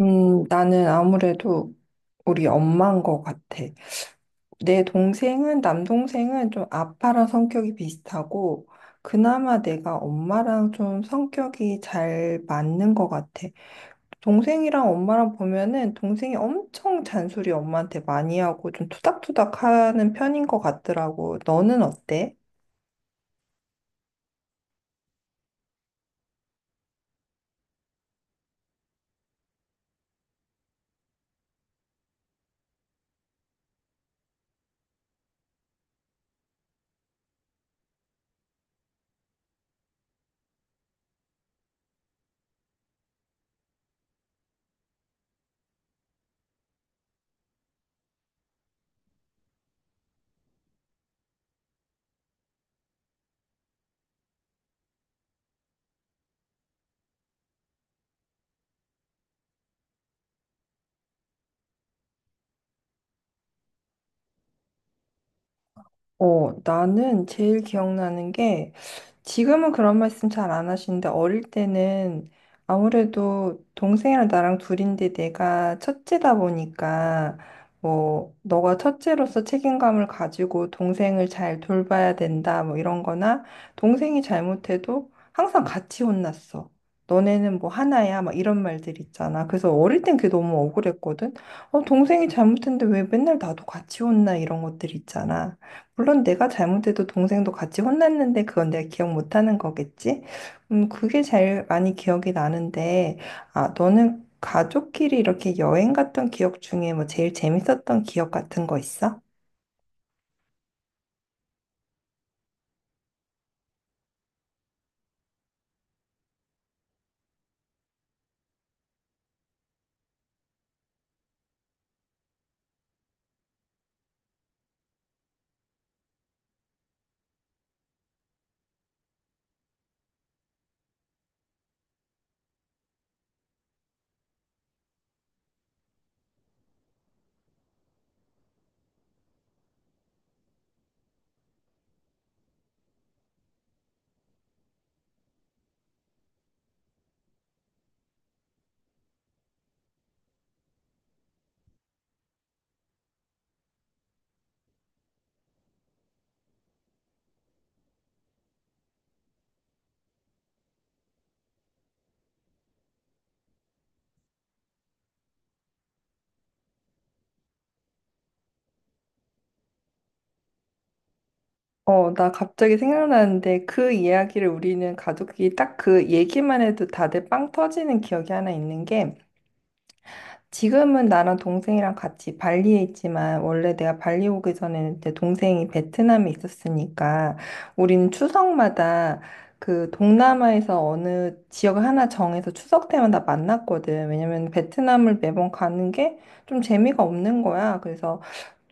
나는 아무래도 우리 엄마인 것 같아. 남동생은 좀 아빠랑 성격이 비슷하고, 그나마 내가 엄마랑 좀 성격이 잘 맞는 것 같아. 동생이랑 엄마랑 보면은 동생이 엄청 잔소리 엄마한테 많이 하고 좀 투닥투닥 하는 편인 것 같더라고. 너는 어때? 어, 나는 제일 기억나는 게, 지금은 그런 말씀 잘 안 하시는데, 어릴 때는 아무래도 동생이랑 나랑 둘인데 내가 첫째다 보니까, 뭐, 너가 첫째로서 책임감을 가지고 동생을 잘 돌봐야 된다, 뭐 이런 거나, 동생이 잘못해도 항상 같이 혼났어. 너네는 뭐 하나야, 막 이런 말들 있잖아. 그래서 어릴 땐 그게 너무 억울했거든. 어, 동생이 잘못했는데 왜 맨날 나도 같이 혼나, 이런 것들 있잖아. 물론 내가 잘못해도 동생도 같이 혼났는데 그건 내가 기억 못하는 거겠지? 그게 제일 많이 기억이 나는데, 아, 너는 가족끼리 이렇게 여행 갔던 기억 중에 뭐 제일 재밌었던 기억 같은 거 있어? 어, 나 갑자기 생각나는데, 그 이야기를 우리는 가족끼리 딱 그 얘기만 해도 다들 빵 터지는 기억이 하나 있는 게, 지금은 나랑 동생이랑 같이 발리에 있지만 원래 내가 발리 오기 전에는 내 동생이 베트남에 있었으니까 우리는 추석마다 그 동남아에서 어느 지역을 하나 정해서 추석 때마다 만났거든. 왜냐면 베트남을 매번 가는 게 좀 재미가 없는 거야. 그래서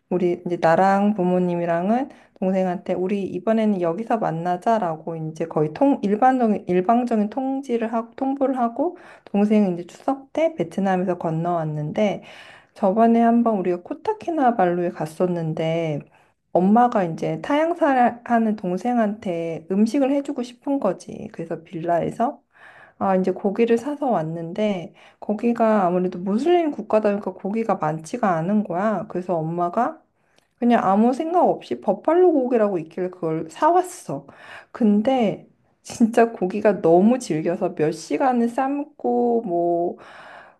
우리 이제 나랑 부모님이랑은 동생한테 우리 이번에는 여기서 만나자라고 이제 거의 통 일반적인 일방적인 통지를 하고 통보를 하고, 동생은 이제 추석 때 베트남에서 건너왔는데, 저번에 한번 우리가 코타키나발루에 갔었는데, 엄마가 이제 타향사를 하는 동생한테 음식을 해주고 싶은 거지. 그래서 빌라에서 아 이제 고기를 사서 왔는데, 거기가 아무래도 무슬림 국가다 보니까 고기가 많지가 않은 거야. 그래서 엄마가 그냥 아무 생각 없이 버팔로 고기라고 있길래 그걸 사왔어. 근데 진짜 고기가 너무 질겨서 몇 시간을 삶고 뭐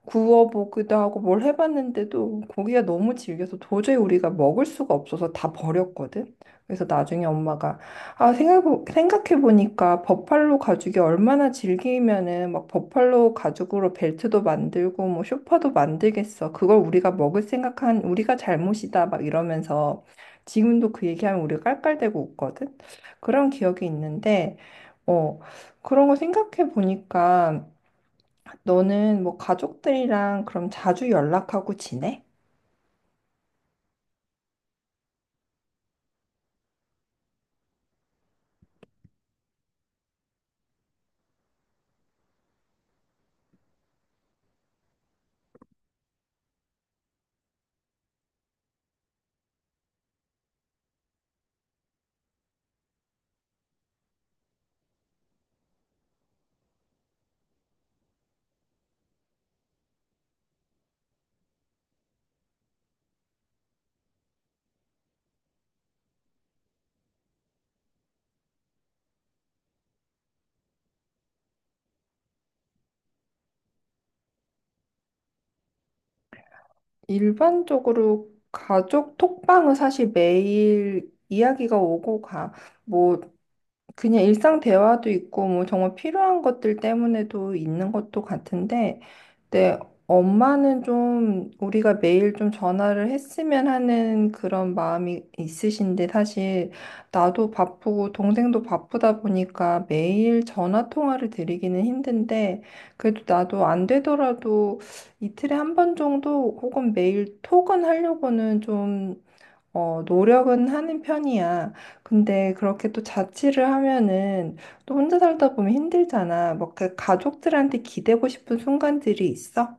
구워보기도 하고 뭘 해봤는데도, 고기가 너무 질겨서 도저히 우리가 먹을 수가 없어서 다 버렸거든. 그래서 나중에 엄마가, 아, 생각해보니까 버팔로 가죽이 얼마나 질기면은 막 버팔로 가죽으로 벨트도 만들고 뭐 쇼파도 만들겠어, 그걸 우리가 먹을 생각한 우리가 잘못이다, 막 이러면서, 지금도 그 얘기하면 우리가 깔깔대고 웃거든. 그런 기억이 있는데, 어, 그런 거 생각해보니까 너는 뭐 가족들이랑 그럼 자주 연락하고 지내? 일반적으로 가족 톡방은 사실 매일 이야기가 오고 가. 뭐 그냥 일상 대화도 있고 뭐 정말 필요한 것들 때문에도 있는 것도 같은데, 내 엄마는 좀 우리가 매일 좀 전화를 했으면 하는 그런 마음이 있으신데, 사실 나도 바쁘고 동생도 바쁘다 보니까 매일 전화 통화를 드리기는 힘든데, 그래도 나도 안 되더라도 이틀에 한 번 정도 혹은 매일 톡은 하려고는 좀, 어, 노력은 하는 편이야. 근데 그렇게 또 자취를 하면은 또 혼자 살다 보면 힘들잖아. 막 그 가족들한테 기대고 싶은 순간들이 있어?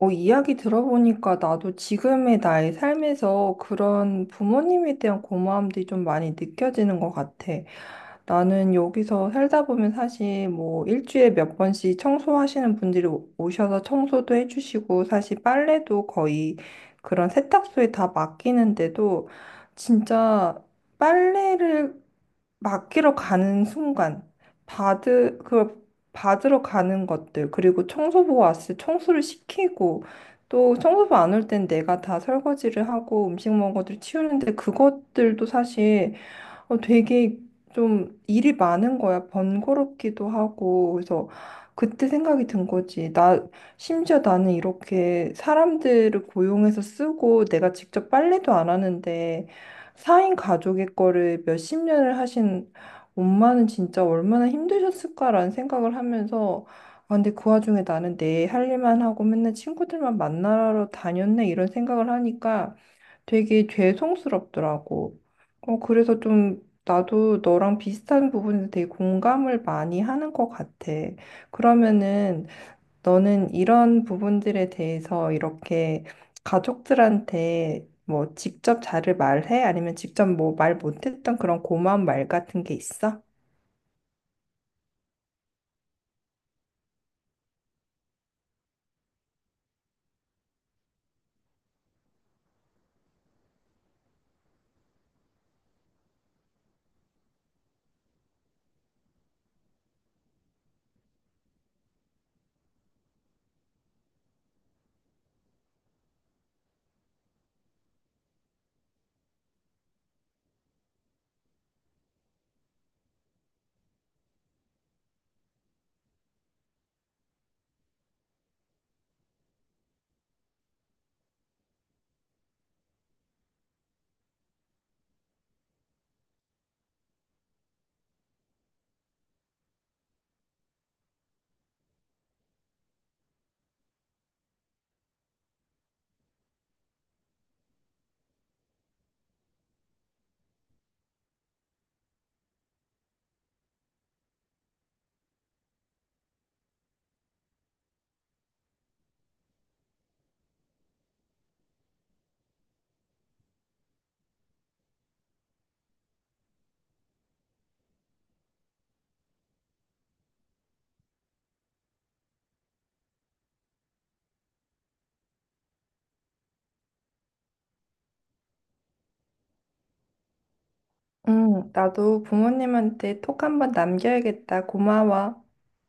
어, 이야기 들어보니까 나도 지금의 나의 삶에서 그런 부모님에 대한 고마움들이 좀 많이 느껴지는 것 같아. 나는 여기서 살다 보면 사실 뭐 일주일에 몇 번씩 청소하시는 분들이 오셔서 청소도 해주시고, 사실 빨래도 거의 그런 세탁소에 다 맡기는데도, 진짜 빨래를 맡기러 가는 순간 받으 그걸 받으러 가는 것들, 그리고 청소부 왔을 때 청소를 시키고, 또 청소부 안 올 땐 내가 다 설거지를 하고 음식 먹은 것들 치우는데, 그것들도 사실 어, 되게 좀 일이 많은 거야. 번거롭기도 하고. 그래서 그때 생각이 든 거지. 심지어 나는 이렇게 사람들을 고용해서 쓰고 내가 직접 빨래도 안 하는데, 4인 가족의 거를 몇 십 년을 하신 엄마는 진짜 얼마나 힘드셨을까라는 생각을 하면서, 아, 근데 그 와중에 나는 내 할 일만 하고 맨날 친구들만 만나러 다녔네, 이런 생각을 하니까 되게 죄송스럽더라고. 어, 그래서 좀 나도 너랑 비슷한 부분에 되게 공감을 많이 하는 것 같아. 그러면은 너는 이런 부분들에 대해서 이렇게 가족들한테 뭐 직접 잘을 말해? 아니면 직접 뭐 말 못했던 그런 고마운 말 같은 게 있어? 응, 나도 부모님한테 톡 한번 남겨야겠다. 고마워.